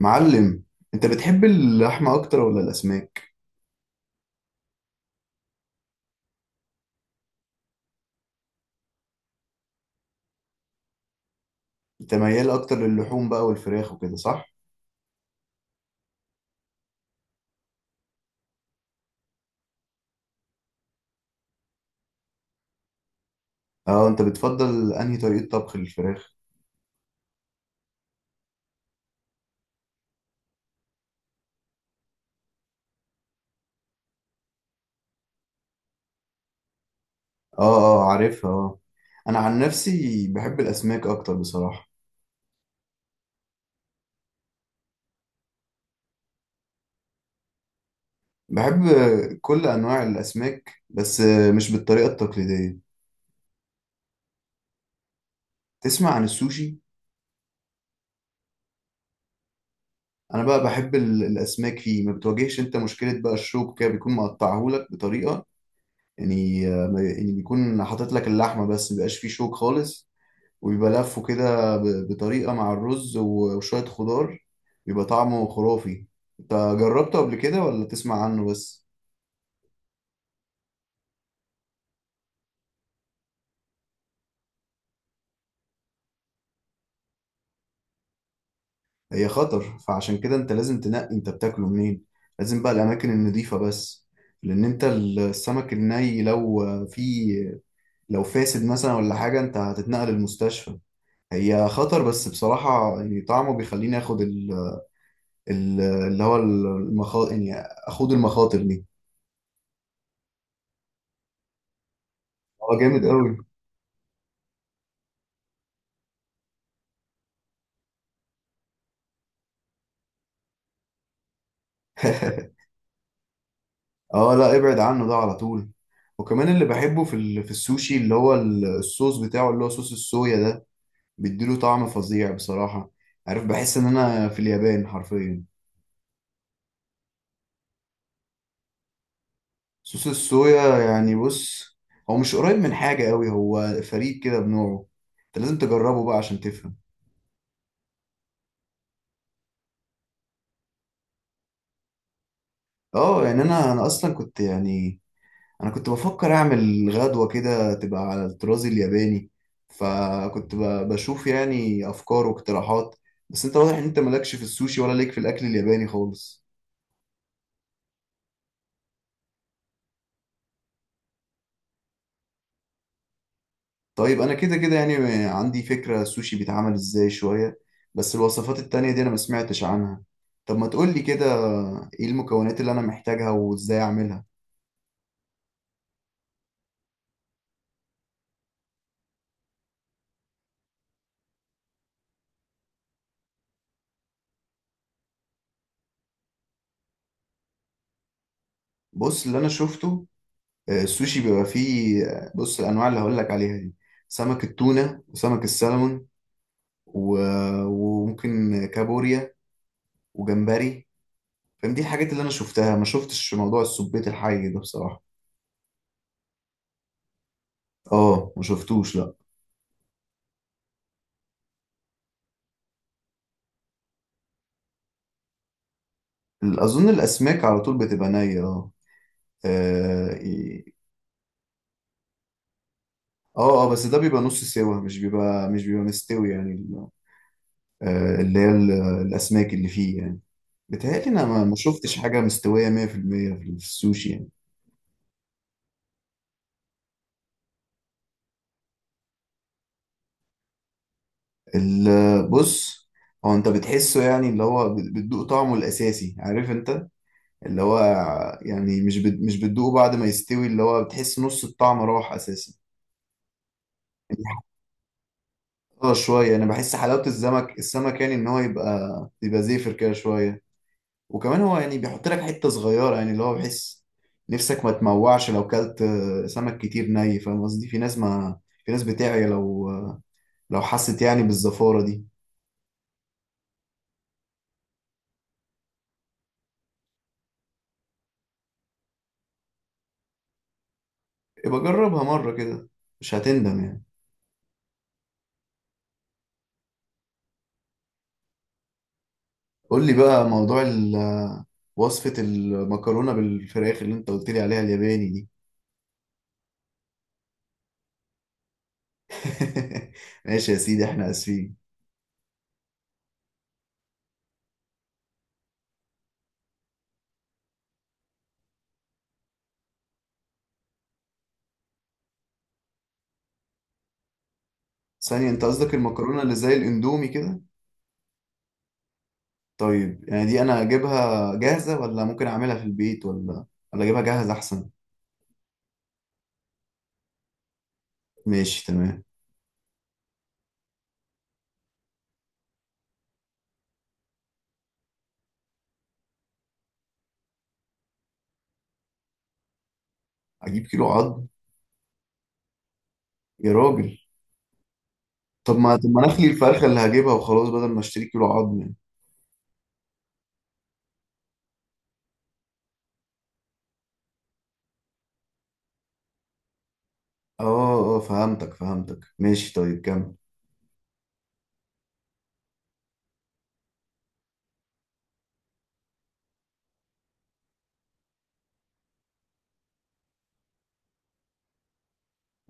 معلم، انت بتحب اللحمة اكتر ولا الاسماك؟ انت ميال اكتر للحوم بقى والفراخ وكده، صح؟ اه انت بتفضل انهي طريقة طبخ للفراخ اه اه عارفها، اه. انا عن نفسي بحب الاسماك اكتر بصراحة. بحب كل انواع الاسماك، بس مش بالطريقة التقليدية. تسمع عن السوشي؟ انا بقى بحب الاسماك فيه، ما بتواجهش انت مشكلة بقى الشوك، كده بيكون مقطعهولك بطريقة، يعني. يعني بيكون حاطط لك اللحمة بس، مبيبقاش فيه شوك خالص، وبيبقى لفه كده بطريقة مع الرز وشوية خضار. بيبقى طعمه خرافي. انت جربته قبل كده ولا تسمع عنه بس؟ هي خطر، فعشان كده انت لازم تنقي انت بتاكله منين. لازم بقى الاماكن النظيفة بس. لان انت السمك الني لو فيه، لو فاسد مثلا ولا حاجة، انت هتتنقل المستشفى. هي خطر، بس بصراحة يعني طعمه بيخليني اخد اللي هو المخاطر، يعني اخد المخاطر دي. اه، جامد قوي. اه لا، ابعد عنه ده على طول. وكمان اللي بحبه في في السوشي، اللي هو الصوص بتاعه، اللي هو صوص الصويا ده، بيديله طعم فظيع بصراحة. عارف، بحس ان انا في اليابان حرفيا. صوص الصويا، يعني بص، هو مش قريب من حاجة قوي، هو فريد كده بنوعه. انت لازم تجربه بقى عشان تفهم. اه، يعني انا اصلا كنت، يعني انا كنت بفكر اعمل غدوة كده تبقى على الطراز الياباني، فكنت ب- بشوف يعني افكار واقتراحات. بس انت واضح ان انت مالكش في السوشي، ولا ليك في الاكل الياباني خالص. طيب انا كده كده يعني عندي فكرة السوشي بيتعمل ازاي شوية، بس الوصفات التانية دي انا ما سمعتش عنها. طب ما تقولي كده، ايه المكونات اللي انا محتاجها وازاي اعملها؟ بص اللي انا شفته، السوشي بيبقى فيه، بص الانواع اللي هقولك عليها دي: سمك التونة، وسمك السلمون، وممكن كابوريا، وجمبري. فاهم، دي الحاجات اللي انا شفتها، ما شفتش موضوع السبيت الحي ده بصراحة. اه ما شفتوش، لا. اظن الاسماك على طول بتبقى نية، اه. اه إيه. اه، بس ده بيبقى نص سوا، مش بيبقى مستوي، يعني اللي هي الاسماك اللي فيه يعني. بيتهيألي انا ما شفتش حاجة مستوية 100% في المية في السوشي يعني. بص، هو انت بتحسه يعني اللي هو بتدوق طعمه الاساسي، عارف انت اللي هو، يعني مش مش بتدوقه بعد ما يستوي، اللي هو بتحس نص الطعم راح اساسا يعني. حلاوة شويه، انا بحس حلاوه السمك، يعني ان هو يبقى زيفر كده شويه. وكمان هو يعني بيحط لك حته صغيره، يعني اللي هو بحس نفسك ما تموعش لو كلت سمك كتير ني. فاهم قصدي، في ناس ما في ناس بتعيا لو، لو حست يعني بالزفاره دي. يبقى جربها مره كده، مش هتندم يعني. قول لي بقى موضوع وصفه المكرونه بالفراخ اللي انت قلت لي عليها الياباني دي. ماشي يا سيدي، احنا اسفين. ثانية، انت قصدك المكرونة اللي زي الاندومي كده؟ طيب يعني دي انا اجيبها جاهزة، ولا ممكن اعملها في البيت، ولا ولا اجيبها جاهزة احسن؟ ماشي، تمام. اجيب كيلو عظم؟ يا راجل، طب ما انا اخلي الفرخة اللي هجيبها وخلاص، بدل ما اشتري كيلو عظم يعني. اه اه، فهمتك ماشي، طيب كمل.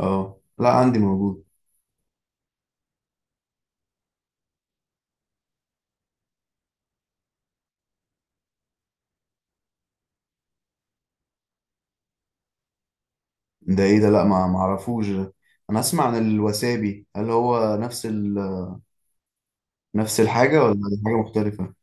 اه لا، عندي موجود. ده ايه ده؟ لا، ما اعرفوش ده. انا اسمع عن الوسابي، هل هو نفس نفس الحاجة ولا حاجة مختلفة؟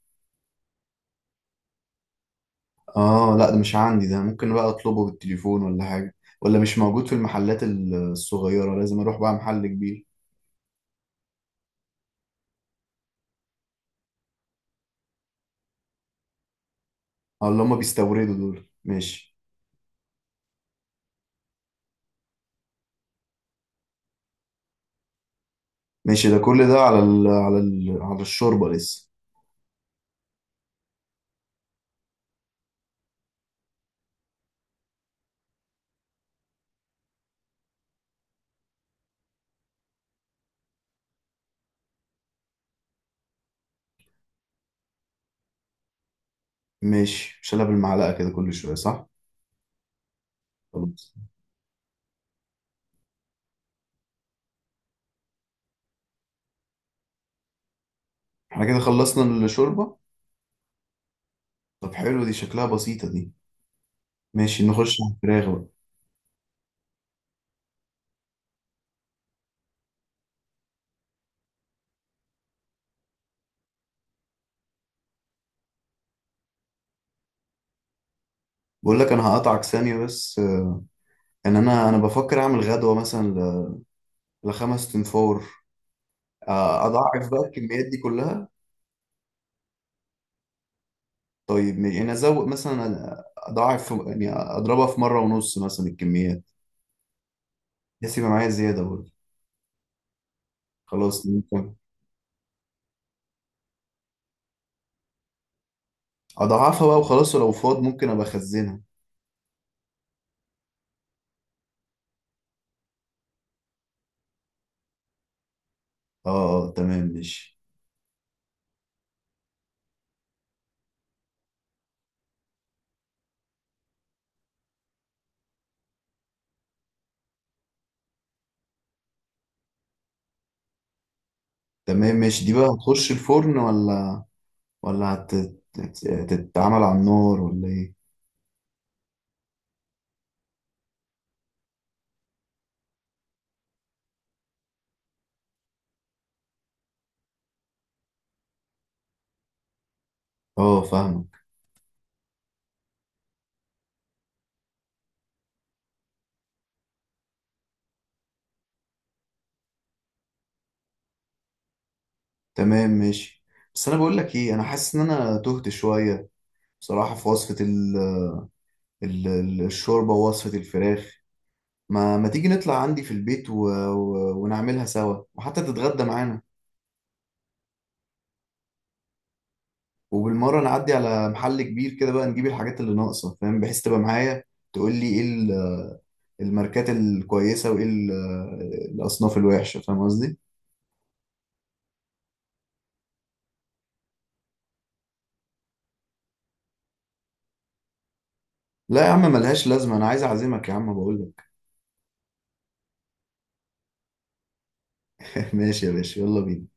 اه لا، ده مش عندي ده. ممكن بقى اطلبه بالتليفون ولا حاجة؟ ولا مش موجود في المحلات الصغيرة، لازم اروح بقى محل كبير؟ اه، اللي هم بيستوردوا دول، ماشي. ماشي، ده كل ده على ال على ال على الشوربة لسه؟ ماشي، مش انا بالمعلقة كده كل شوية، صح؟ خلاص. احنا كده خلصنا الشوربة. طب حلو، دي شكلها بسيطة دي. ماشي، نخش على الفراخ بقى. بقول لك، انا هقطعك ثانية بس، ان انا بفكر اعمل غدوة مثلا لخمس تنفور، اضاعف بقى الكميات دي كلها. طيب ماشي، يعني ازود مثلا، اضاعف يعني اضربها في مره ونص مثلا الكميات، بحيث يبقى معايا زياده برضه. خلاص ممكن اضاعفها بقى وخلاص، ولو فاض ممكن ابقى اخزنها. اه اه، تمام ماشي. تمام ماشي، دي بقى هتخش الفرن، ولا ولا هت- هتتعمل على النار ولا ايه؟ اه، فاهمك. تمام ماشي. بس انا بقول لك ايه، انا حاسس ان انا تهت شويه بصراحه، في وصفه الشوربه ووصفه الفراخ. ما تيجي نطلع عندي في البيت ونعملها سوا، وحتى تتغدى معانا. وبالمرة نعدي على محل كبير كده بقى نجيب الحاجات اللي ناقصة، فاهم، بحيث تبقى معايا تقول لي ايه الماركات الكويسة، وايه الأصناف الوحشة، فاهم قصدي؟ لا يا عم، ملهاش لازمة، أنا عايز أعزمك يا عم بقول لك. ماشي يا باشا، يلا بينا.